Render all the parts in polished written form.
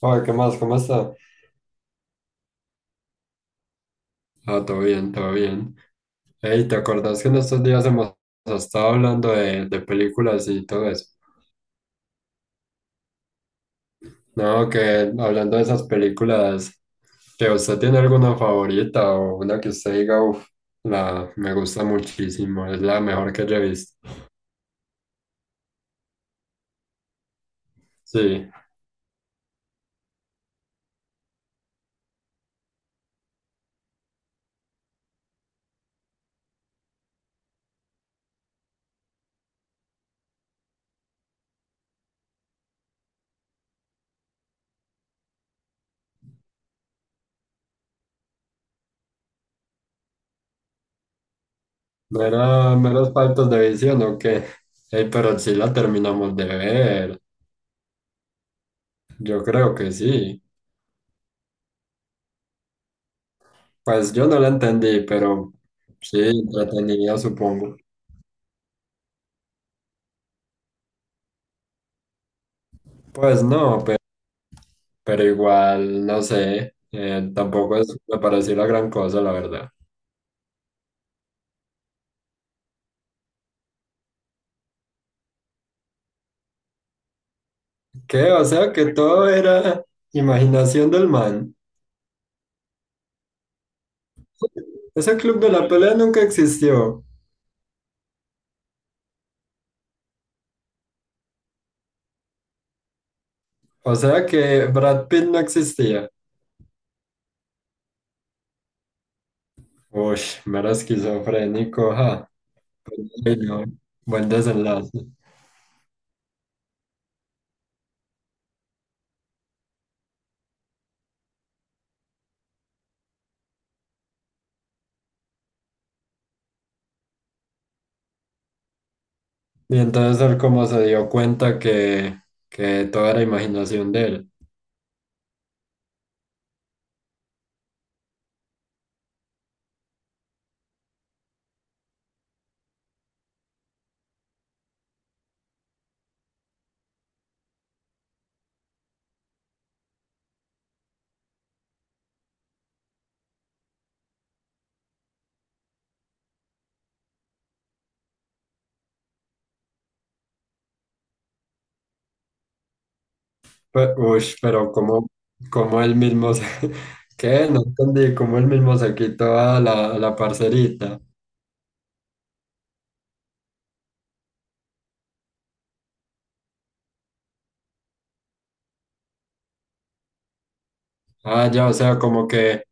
Oye, ¿qué más? ¿Cómo está? Ah, todo bien, todo bien. Ey, ¿te acordás que en estos días hemos estado hablando de películas y todo eso? No, que hablando de esas películas, que usted tiene alguna favorita o una que usted diga, uff, la me gusta muchísimo, es la mejor que yo he visto. Sí, mera, meros faltos de visión o qué. Ey, pero sí la terminamos de ver, yo creo que sí. Pues yo no la entendí, pero sí, entretenida, supongo. Pues no, pero igual, no sé, tampoco es, me pareció la gran cosa, la verdad. ¿Qué? O sea, que todo era imaginación del man. Ese club de la pelea nunca existió. O sea que Brad Pitt no existía. Uy, mero esquizofrénico, ja. Ay, no, buen desenlace. Y entonces él como se dio cuenta que todo era imaginación de él. Pero como, como él mismo se... ¿Qué? No entendí, como él mismo se quitó a a la parcerita. Ah, ya, o sea, como que,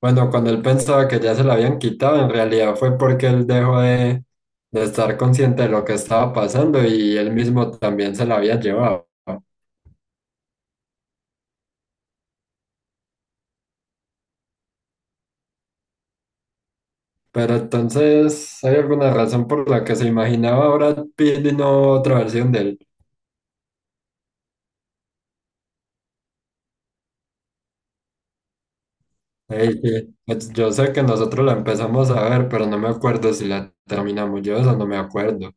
bueno, cuando él pensaba que ya se la habían quitado, en realidad fue porque él dejó de estar consciente de lo que estaba pasando y él mismo también se la había llevado. Pero entonces, ¿hay alguna razón por la que se imaginaba ahora Pitt y no otra versión de él? Ey, sí. Yo sé que nosotros la empezamos a ver, pero no me acuerdo si la terminamos. Yo de eso no me acuerdo.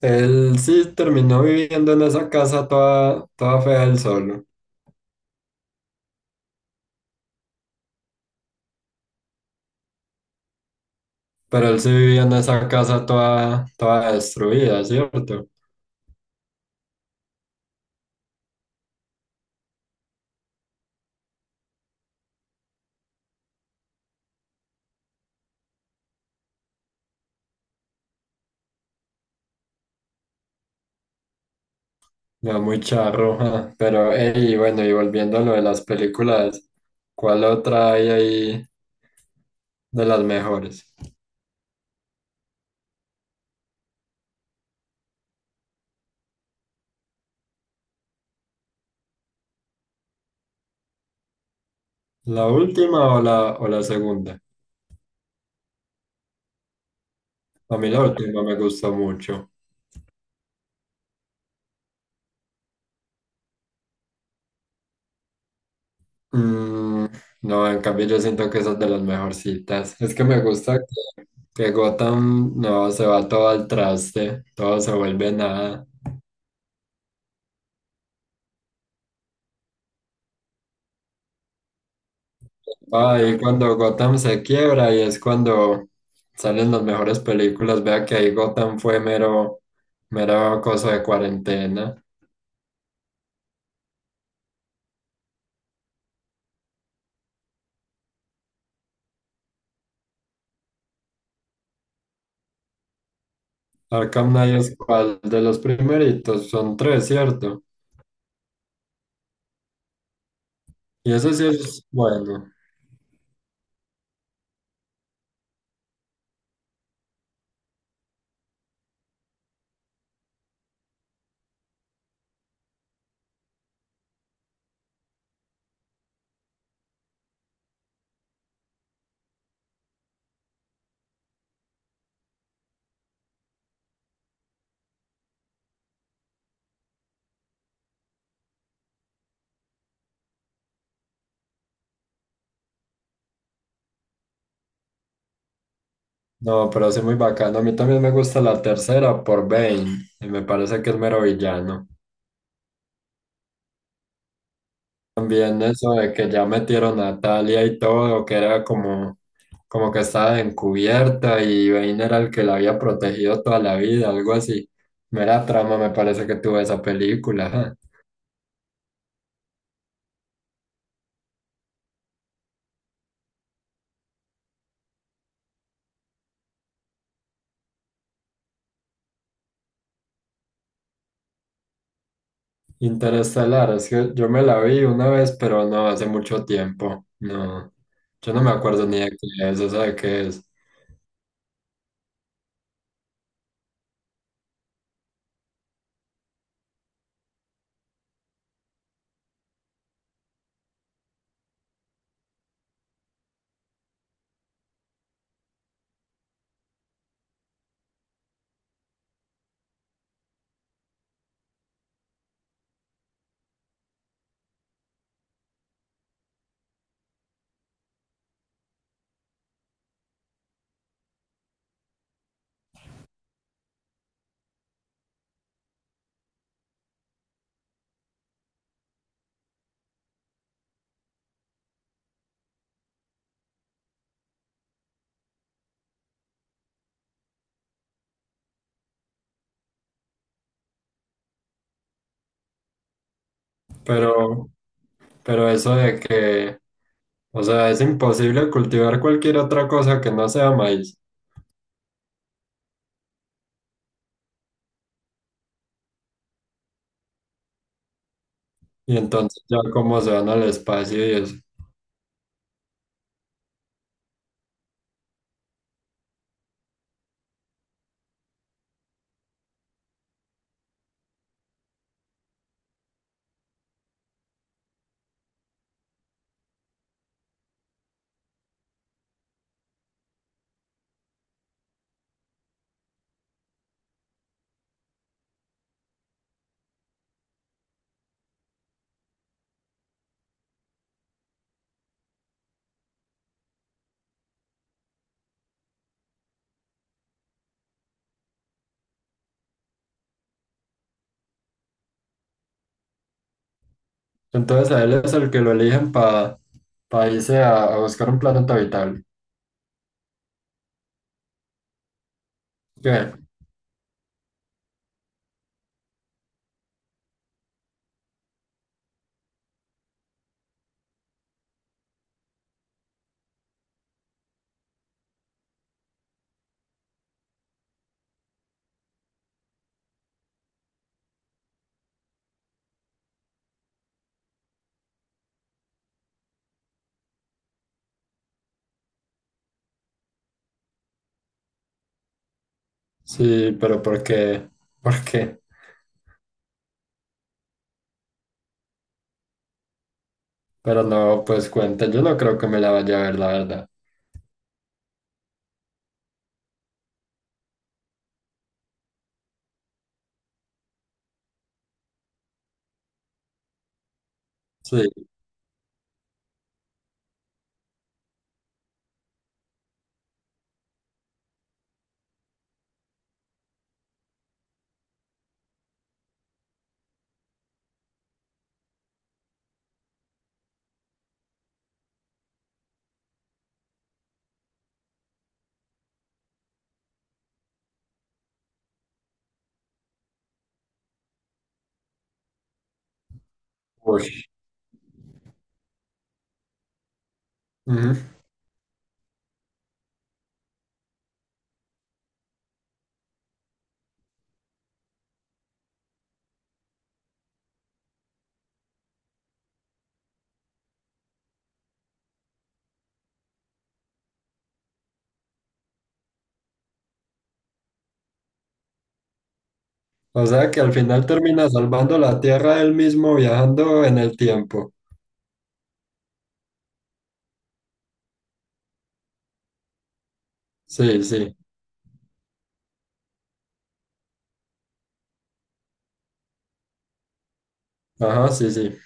Él sí terminó viviendo en esa casa toda, toda fea él solo, pero él sí vivía en esa casa toda, toda destruida, ¿cierto? Ya muy charro, ja. Pero, ey, bueno, y volviendo a lo de las películas, ¿cuál otra hay ahí de las mejores? ¿La última o o la segunda? A mí la última me gustó mucho. Mm, no, en cambio yo siento que esas de las mejorcitas. Es que me gusta que, que Gotham no se va todo al traste, todo se vuelve nada. Ahí cuando Gotham se quiebra y es cuando salen las mejores películas. Vea que ahí Gotham fue mero, mero cosa de cuarentena. Arkham Knight es cual de los primeritos, son tres, ¿cierto? Y eso sí es bueno. No, pero sí muy bacano. A mí también me gusta la tercera por Bane, y me parece que es mero villano. También eso de que ya metieron a Talia y todo, que era como, como que estaba encubierta y Bane era el que la había protegido toda la vida, algo así. Mera trama me parece que tuvo esa película. Ajá. Interestelar, es que yo me la vi una vez, pero no hace mucho tiempo. No, yo no me acuerdo ni de qué es, o sea, de qué es. Pero, pero eso de que... O sea, es imposible cultivar cualquier otra cosa que no sea maíz. Y entonces ya cómo se van al espacio y eso. Entonces a él es el que lo eligen para irse a buscar un planeta habitable. ¿Qué? Sí, pero ¿por qué? ¿Por qué? Pero no, pues cuenta, yo no creo que me la vaya a ver, la verdad. Sí, uy. Ujú. O sea que al final termina salvando la Tierra él mismo viajando en el tiempo. Sí, sí. Ajá, sí, sí.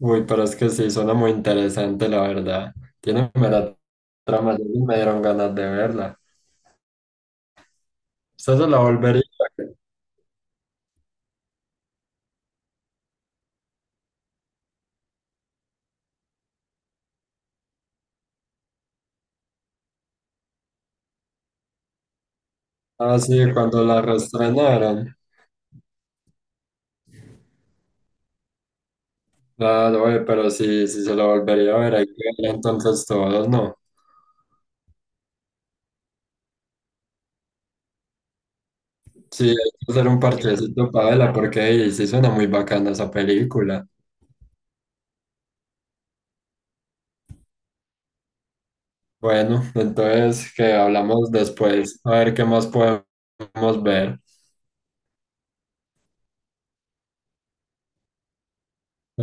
Uy, pero es que sí, suena muy interesante, la verdad. Tiene buena trama, ya ni me dieron ganas de verla. ¿Usted se la volvería a ver? Ah, sí, cuando la reestrenaron. Ah, oye, pero sí, sí se la volvería a ver, hay que verla entonces todos, ¿no? Sí, hay que hacer un parchecito para verla, porque ey, sí suena muy bacana esa película. Bueno, entonces que hablamos después, a ver qué más podemos ver.